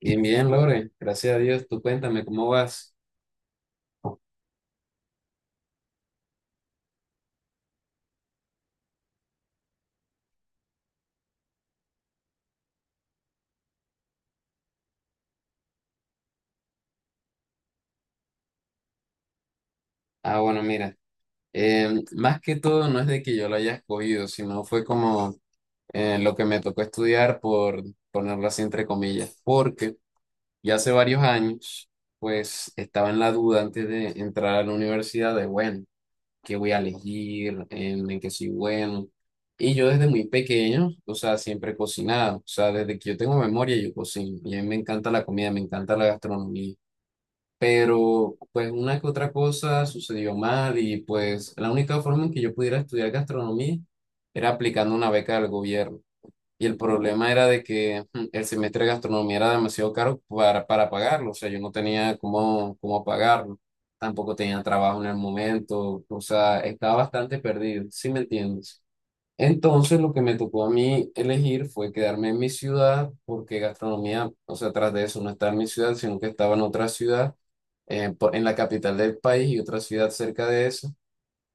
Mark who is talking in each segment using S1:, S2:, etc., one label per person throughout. S1: Bien, bien, Lore. Gracias a Dios. Tú cuéntame, ¿cómo vas? Ah, bueno, mira. Más que todo, no es de que yo lo haya escogido, sino fue como lo que me tocó estudiar, por ponerlo así entre comillas, porque ya hace varios años, pues estaba en la duda antes de entrar a la universidad de, bueno, ¿qué voy a elegir? ¿En qué soy bueno? Y yo desde muy pequeño, o sea, siempre he cocinado. O sea, desde que yo tengo memoria, yo cocino. Y a mí me encanta la comida, me encanta la gastronomía. Pero pues una que otra cosa sucedió mal y pues la única forma en que yo pudiera estudiar gastronomía era aplicando una beca del gobierno. Y el problema era de que el semestre de gastronomía era demasiado caro para pagarlo, o sea, yo no tenía cómo, cómo pagarlo, tampoco tenía trabajo en el momento, o sea, estaba bastante perdido, ¿sí me entiendes? Entonces lo que me tocó a mí elegir fue quedarme en mi ciudad porque gastronomía, o sea, tras de eso no estaba en mi ciudad, sino que estaba en otra ciudad, en la capital del país y otra ciudad cerca de eso.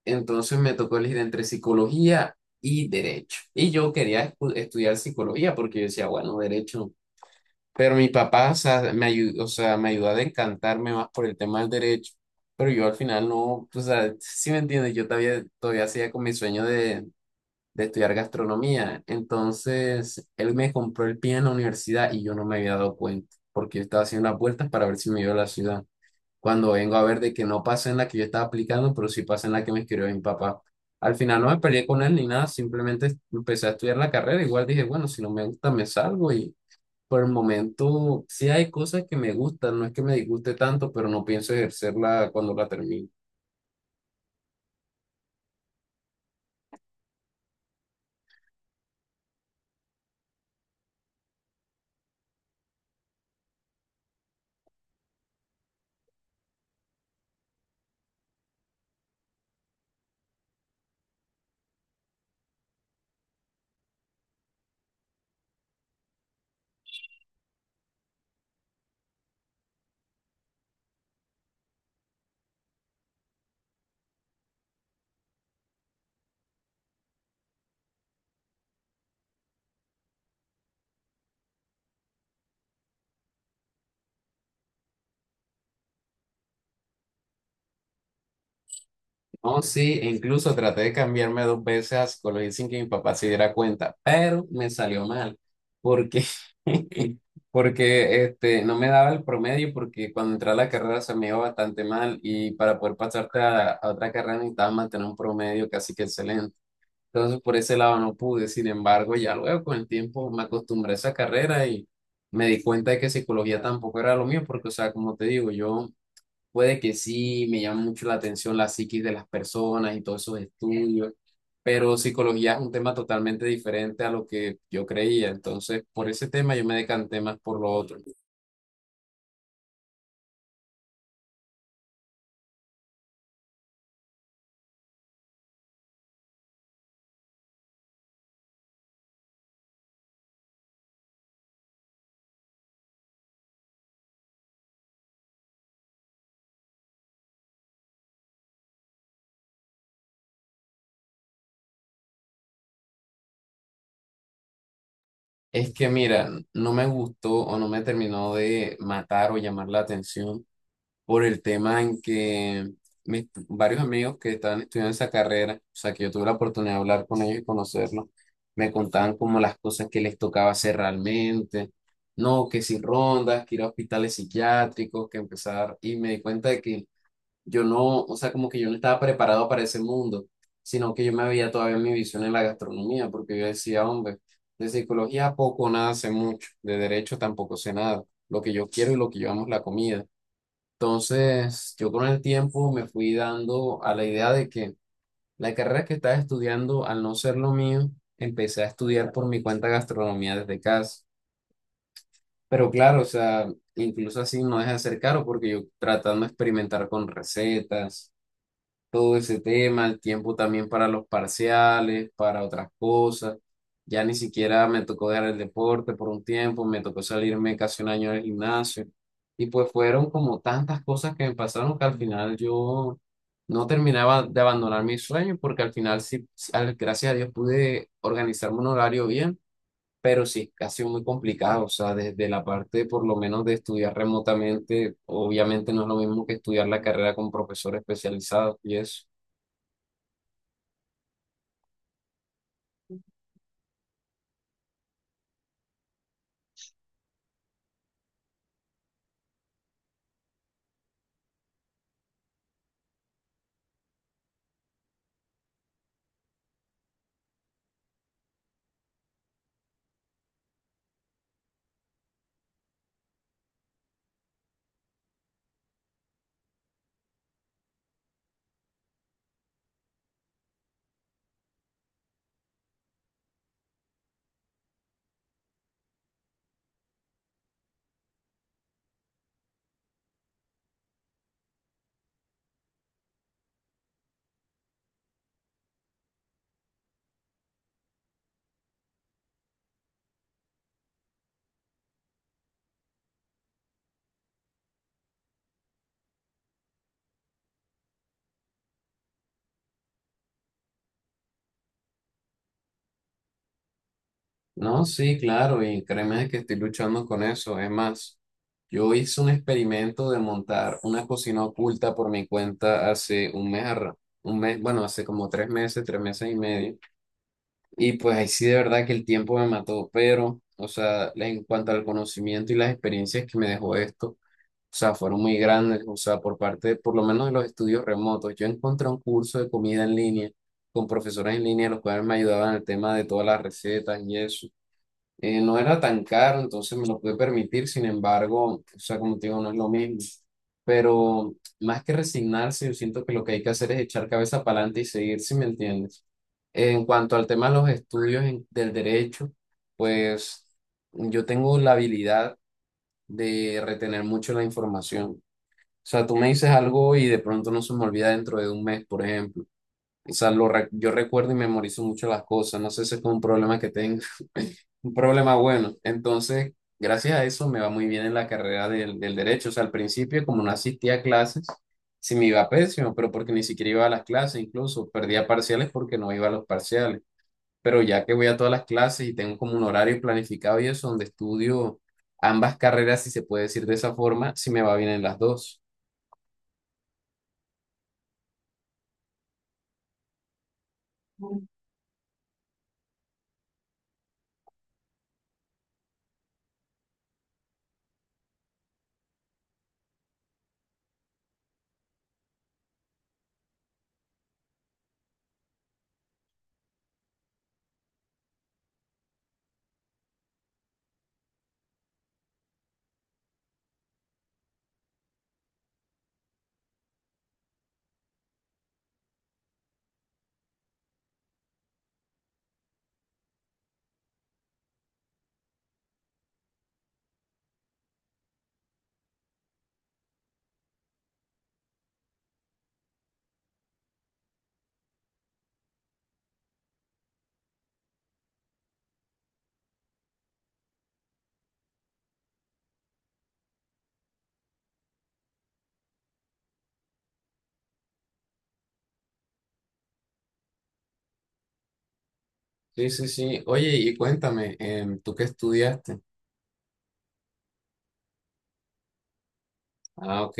S1: Entonces me tocó elegir entre psicología y derecho. Y yo quería estudiar psicología porque yo decía, bueno, derecho. Pero mi papá, o sea, me ayudó, o sea, me ayudó a decantarme más por el tema del derecho. Pero yo al final no, o sea, si me entiendes, yo todavía, todavía hacía con mi sueño de estudiar gastronomía. Entonces, él me compró el pie en la universidad y yo no me había dado cuenta, porque yo estaba haciendo las vueltas para ver si me iba a la ciudad. Cuando vengo a ver de que no pasa en la que yo estaba aplicando, pero sí pasa en la que me escribió mi papá. Al final no me peleé con él ni nada, simplemente empecé a estudiar la carrera. Igual dije, bueno, si no me gusta, me salgo y por el momento sí hay cosas que me gustan, no es que me disguste tanto, pero no pienso ejercerla cuando la termine. Oh, sí, e incluso traté de cambiarme dos veces a psicología sin que mi papá se diera cuenta, pero me salió mal, porque, porque este, no me daba el promedio, porque cuando entré a la carrera se me iba bastante mal y para poder pasarte a otra carrera necesitaba mantener un promedio casi que excelente. Entonces, por ese lado no pude, sin embargo, ya luego con el tiempo me acostumbré a esa carrera y me di cuenta de que psicología tampoco era lo mío, porque, o sea, como te digo, yo... Puede que sí, me llama mucho la atención la psiquis de las personas y todos esos estudios, pero psicología es un tema totalmente diferente a lo que yo creía. Entonces, por ese tema yo me decanté más por lo otro. Es que, mira, no me gustó o no me terminó de matar o llamar la atención por el tema en que mis varios amigos que estaban estudiando esa carrera, o sea, que yo tuve la oportunidad de hablar con ellos y conocerlos, me contaban como las cosas que les tocaba hacer realmente, no, que si rondas, que ir a hospitales psiquiátricos, que empezar, y me di cuenta de que yo no, o sea, como que yo no estaba preparado para ese mundo, sino que yo me veía todavía en mi visión en la gastronomía, porque yo decía, hombre, de psicología poco, o nada sé mucho, de derecho tampoco sé nada, lo que yo quiero y lo que yo amo es la comida. Entonces, yo con el tiempo me fui dando a la idea de que la carrera que estaba estudiando, al no ser lo mío, empecé a estudiar por mi cuenta gastronomía desde casa. Pero claro, o sea, incluso así no deja de ser caro porque yo tratando de experimentar con recetas, todo ese tema, el tiempo también para los parciales, para otras cosas. Ya ni siquiera me tocó dejar el deporte por un tiempo, me tocó salirme casi un año del gimnasio. Y pues fueron como tantas cosas que me pasaron que al final yo no terminaba de abandonar mis sueños porque al final sí, sí, gracias a Dios pude organizarme un horario bien, pero sí, ha sido muy complicado. O sea, desde la parte por lo menos de estudiar remotamente, obviamente no es lo mismo que estudiar la carrera con profesor especializado y eso. No, sí, claro, y créeme que estoy luchando con eso. Es más, yo hice un experimento de montar una cocina oculta por mi cuenta hace un mes, un mes, bueno, hace como tres meses y medio. Y pues ahí sí de verdad que el tiempo me mató, pero, o sea, en cuanto al conocimiento y las experiencias que me dejó esto, o sea, fueron muy grandes, o sea, por parte, por lo menos de los estudios remotos. Yo encontré un curso de comida en línea con profesores en línea, los cuales me ayudaban en el tema de todas las recetas y eso. No era tan caro, entonces me lo pude permitir, sin embargo, o sea, como te digo, no es lo mismo. Pero más que resignarse, yo siento que lo que hay que hacer es echar cabeza para adelante y seguir, si me entiendes. En cuanto al tema de los estudios del derecho, pues yo tengo la habilidad de retener mucho la información. O sea, tú me dices algo y de pronto no se me olvida dentro de un mes, por ejemplo. O sea, yo recuerdo y memorizo mucho las cosas. No sé si es un problema que tengo. Un problema bueno. Entonces, gracias a eso me va muy bien en la carrera del, del derecho. O sea, al principio, como no asistía a clases, sí me iba pésimo, pero porque ni siquiera iba a las clases, incluso perdía parciales porque no iba a los parciales. Pero ya que voy a todas las clases y tengo como un horario planificado y eso, donde estudio ambas carreras, si se puede decir de esa forma, sí me va bien en las dos. Sí, sí, sí. Oye, y cuéntame, ¿tú qué estudiaste? Ah, ok.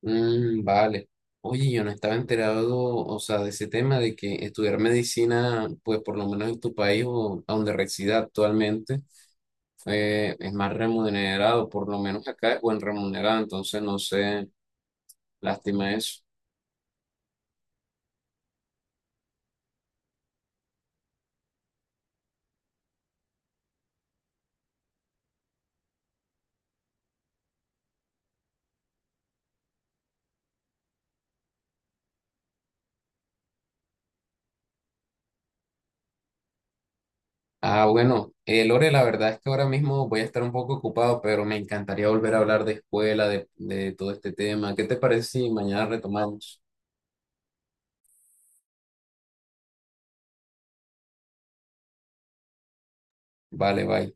S1: Mm, vale. Oye, yo no estaba enterado, o sea, de ese tema de que estudiar medicina, pues por lo menos en tu país o a donde resida actualmente, es más remunerado, por lo menos acá es buen remunerado, entonces no sé, lástima eso. Ah, bueno, Lore, la verdad es que ahora mismo voy a estar un poco ocupado, pero me encantaría volver a hablar de escuela, de todo este tema. ¿Qué te parece si mañana retomamos? Vale, bye.